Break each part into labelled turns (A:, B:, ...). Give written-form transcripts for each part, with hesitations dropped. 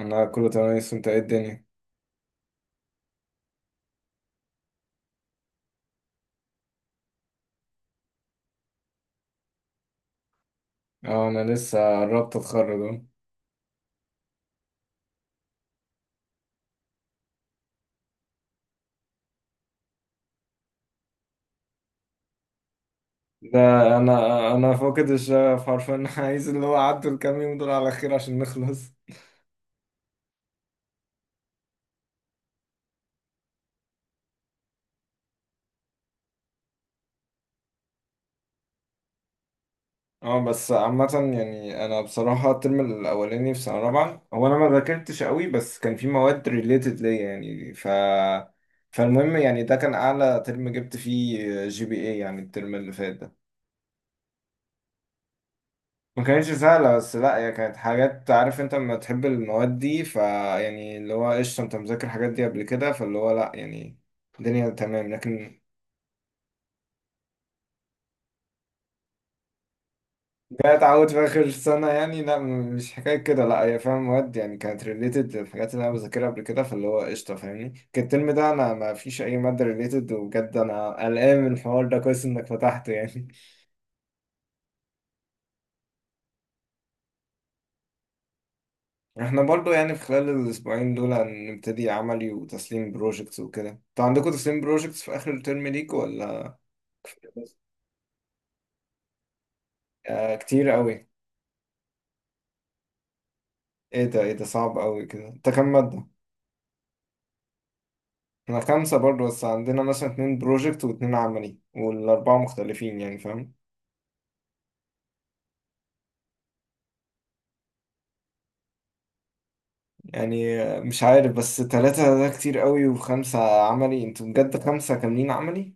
A: انا كله تمام. لسه انت ايه الدنيا؟ اه انا لسه قربت اتخرج اهو. ده انا انا فاقد الشغف حرفيا عايز اللي هو عدوا الكام يوم دول على خير عشان نخلص. اه بس عامة يعني انا بصراحة الترم الاولاني في سنة رابعة هو انا ما ذاكرتش قوي، بس كان في مواد ريليتد ليا يعني فالمهم يعني ده كان اعلى ترم جبت فيه جي بي اي، يعني الترم اللي فات ده. ما كانتش سهلة، بس لا هي كانت حاجات، عارف انت لما تحب المواد دي فيعني اللي هو قشطة، انت مذاكر الحاجات دي قبل كده فاللي هو لا يعني الدنيا تمام. لكن جاي اتعود في اخر سنة يعني؟ لا مش حكاية كده، لا هي فاهم مواد يعني كانت ريليتد للحاجات اللي انا بذاكرها قبل كده فاللي هو قشطة، فاهمني؟ كان الترم ده انا ما فيش اي مادة ريليتد، وبجد انا قلقان من الحوار ده. كويس انك فتحته يعني. احنا برضو يعني في خلال الاسبوعين دول هنبتدي عملي وتسليم بروجكتس وكده. انتوا عندكم تسليم بروجكتس في اخر الترم ليك ولا؟ كفاية بس؟ آه كتير قوي. ايه ده، ايه ده صعب قوي كده، انت كام مادة؟ احنا خمسة برضو، بس عندنا مثلا اتنين بروجكت واتنين عملي والاربعة مختلفين، يعني فاهم؟ يعني مش عارف، بس تلاتة ده كتير قوي وخمسة عملي؟ انتوا بجد خمسة كاملين عملي؟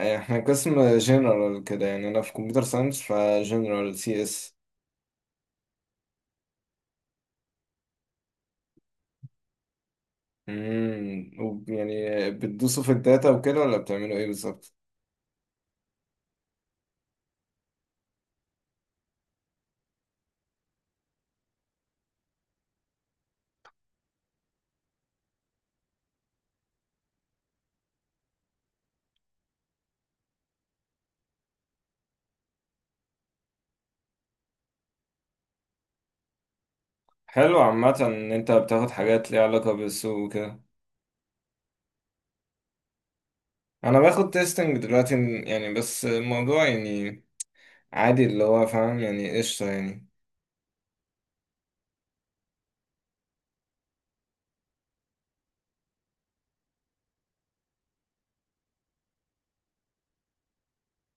A: احنا قسم جنرال كده، يعني انا في كمبيوتر ساينس، فجنرال سي اس. يعني بتدوسوا في الداتا وكده ولا بتعملوا ايه بالظبط؟ حلو عامة ان انت بتاخد حاجات ليها علاقة بالسوق وكده. انا باخد تيستنج دلوقتي يعني، بس الموضوع يعني عادي، اللي هو فاهم يعني قشطة يعني.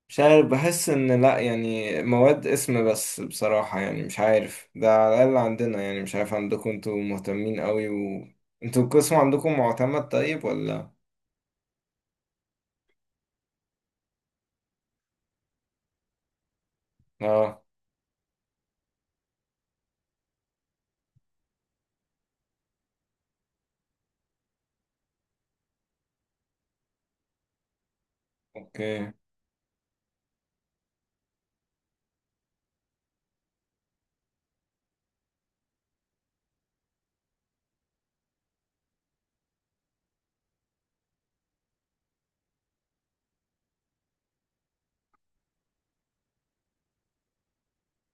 A: مش عارف، بحس ان لا يعني مواد اسم بس بصراحة، يعني مش عارف ده على الاقل عندنا، يعني مش عارف عندكم، انتوا مهتمين قوي و انتوا القسم عندكم معتمد طيب ولا؟ اه، اوكي،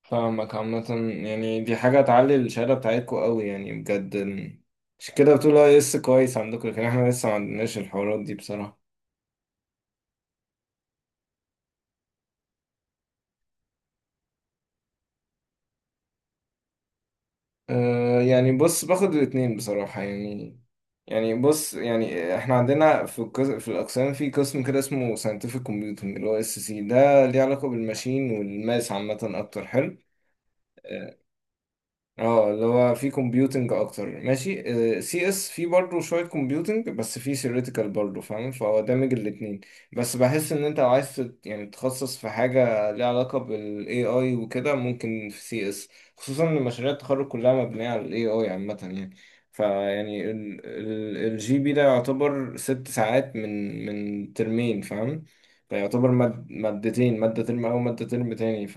A: فاهمك عامة. يعني دي حاجة تعلي الشهادة بتاعتكوا قوي يعني بجد. عشان كده بتقول اي اس كويس عندكم، لكن احنا لسه ما عندناش الحوارات دي بصراحة. أه يعني بص، باخد الاتنين بصراحة يعني. يعني بص، يعني احنا عندنا في في الأقسام في قسم كده اسمه scientific computing، اللي هو اس سي، ده ليه علاقة بالماشين والماس عامة أكتر، حلو. آه، اه اللي هو في كومبيوتنج اكتر، ماشي. سي اس في برضه شويه كومبيوتنج، بس في ثيوريتيكال برضه فاهم، فهو دامج الاتنين. بس بحس ان انت لو عايز يعني تتخصص في حاجه ليها علاقه بالاي اي وكده، ممكن في سي اس، خصوصا ان مشاريع التخرج كلها مبنيه على الاي اي عامه يعني. فيعني الجي بي ده يعتبر ست ساعات من ترمين، فاهم؟ فيعتبر مادتين، مادة ترم أو مادة ترم تاني.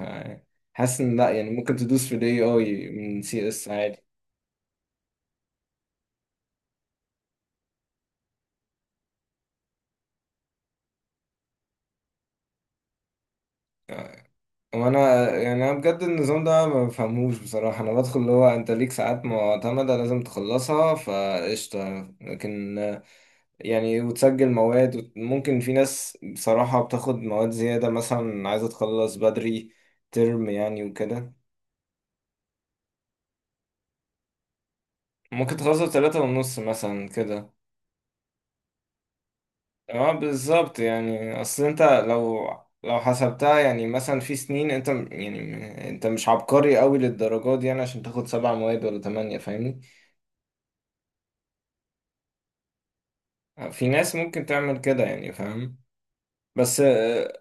A: حاسس ان لا يعني ممكن تدوس في الاي اي من سي اس عادي. وانا يعني انا بجد النظام ده ما بفهموش بصراحه. انا بدخل اللي هو انت ليك ساعات معتمده لازم تخلصها فقشطه، لكن يعني وتسجل مواد ممكن في ناس بصراحه بتاخد مواد زياده، مثلا عايزه تخلص بدري ترم يعني وكده. ممكن تخلصها بتلاتة ونص مثلا كده. اه بالظبط. يعني اصل انت لو لو حسبتها يعني مثلا في سنين، انت يعني انت مش عبقري قوي للدرجة دي يعني عشان تاخد سبع مواد ولا تمانية، فاهمني؟ في ناس ممكن تعمل كده يعني، فاهم؟ بس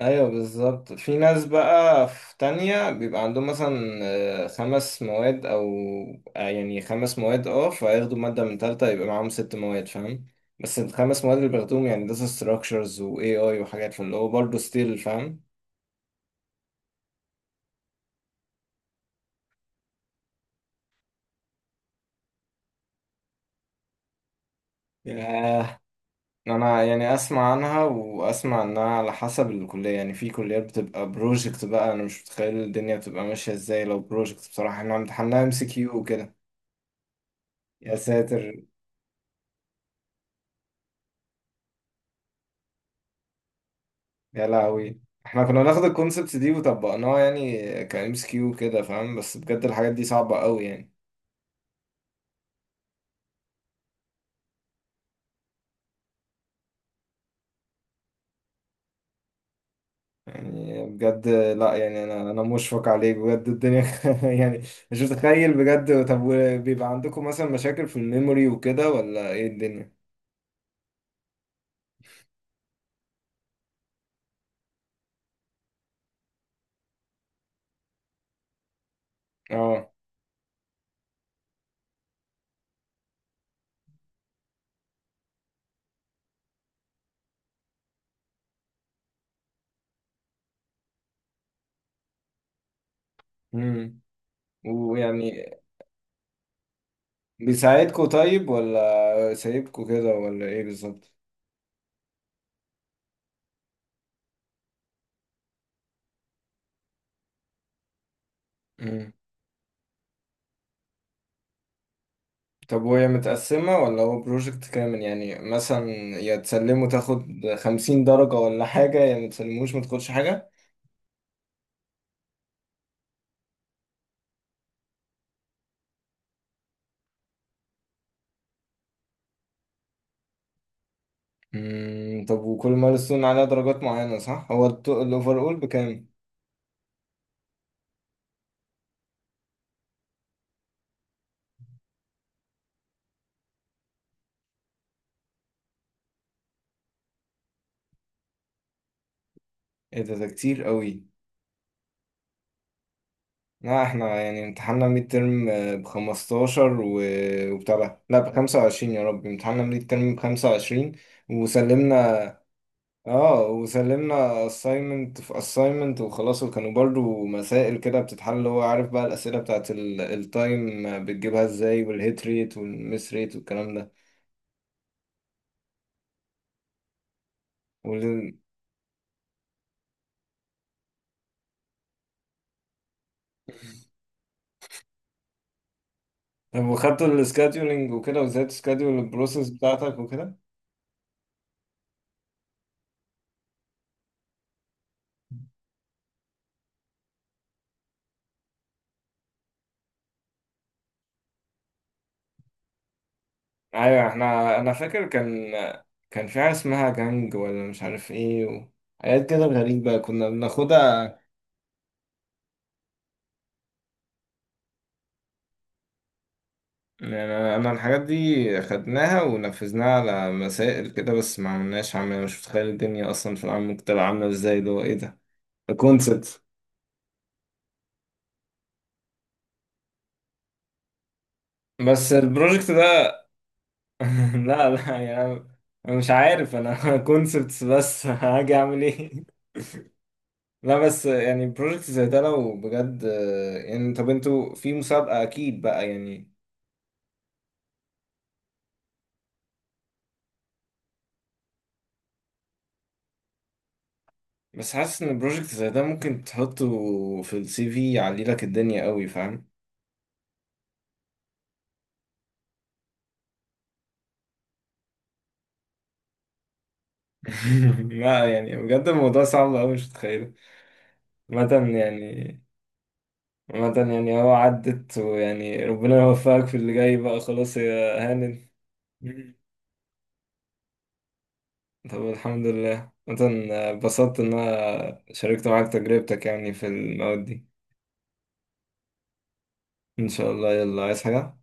A: ايوه بالظبط. في ناس بقى في تانية بيبقى عندهم مثلا خمس مواد او يعني خمس مواد، اه، فياخدوا مادة من تالتة يبقى معاهم ست مواد، فاهم؟ بس الخمس مواد اللي بياخدوهم يعني داتا ستراكشرز و AI وحاجات، فاللي هو برضه ستيل فاهم. ياه، انا يعني اسمع عنها واسمع انها على حسب الكليه، يعني في كليات بتبقى بروجكت بقى. انا مش متخيل الدنيا بتبقى ماشيه ازاي لو بروجكت، بصراحه احنا امتحناها ام سي كيو وكده. يا ساتر. يا لهوي. احنا كنا ناخد الكونسبت دي وطبقناها يعني كام سي كيو كده، فاهم؟ بس بجد الحاجات دي صعبه قوي يعني. يعني بجد لا يعني انا مشفق عليك بجد الدنيا يعني مش متخيل بجد. طب بيبقى عندكم مثلا مشاكل في الميموري وكده ولا ايه الدنيا؟ اه، امم، ويعني بيساعدكوا طيب ولا سايبكوا كده ولا ايه بالظبط؟ مم. طب وهي متقسمة ولا هو بروجكت كامل؟ يعني مثلا يا تسلمه تاخد خمسين درجة ولا حاجة، يا متسلموش متاخدش حاجة؟ مم. طب وكل مايلستون عليها درجات معينة صح؟ هو الأوفر أول بكام؟ ايه ده، ده كتير قوي. لا احنا يعني امتحاننا ميد ترم بخمستاشر و... وبتاع ده. لا بخمسة وعشرين، يا رب، امتحاننا ميد ترم بخمسة وعشرين. وسلمنا. اه وسلمنا assignment في assignment وخلاص، وكانوا برضو مسائل كده بتتحل. هو عارف بقى الأسئلة بتاعت التايم بتجيبها ازاي، والهيت ريت والمس ريت والكلام ده. وال- طب وخدتوا السكادولينج وكده، وازاي تسكادول البروسيس بتاعتك وكده؟ ايوه احنا انا فاكر كان في حاجة اسمها جانج ولا مش عارف ايه و... حاجات كده غريبة كنا بناخدها. يعني انا الحاجات دي خدناها ونفذناها على مسائل كده، بس ما عملناش عمل. أنا مش متخيل الدنيا اصلا في العام ممكن تبقى عامله ازاي، اللي هو ايه ده، كونسبت. بس البروجكت ده لا لا يعني انا مش عارف انا كونسبتس بس هاجي اعمل ايه. لا بس يعني بروجكت زي ده لو بجد يعني، طب انتوا في مسابقة اكيد بقى يعني؟ بس حاسس ان بروجكت زي ده ممكن تحطه في السي في يعلي لك الدنيا قوي، فاهم؟ لا يعني بجد الموضوع صعب أوي، مش متخيله عامة يعني. عامة يعني هو عدت، ويعني ربنا يوفقك في اللي جاي بقى، خلاص يا هانم. مم. طب الحمد لله. عامة اتبسطت إن أنا شاركت معاك تجربتك يعني في المواد دي. إن شاء الله، يلا عايز حاجة؟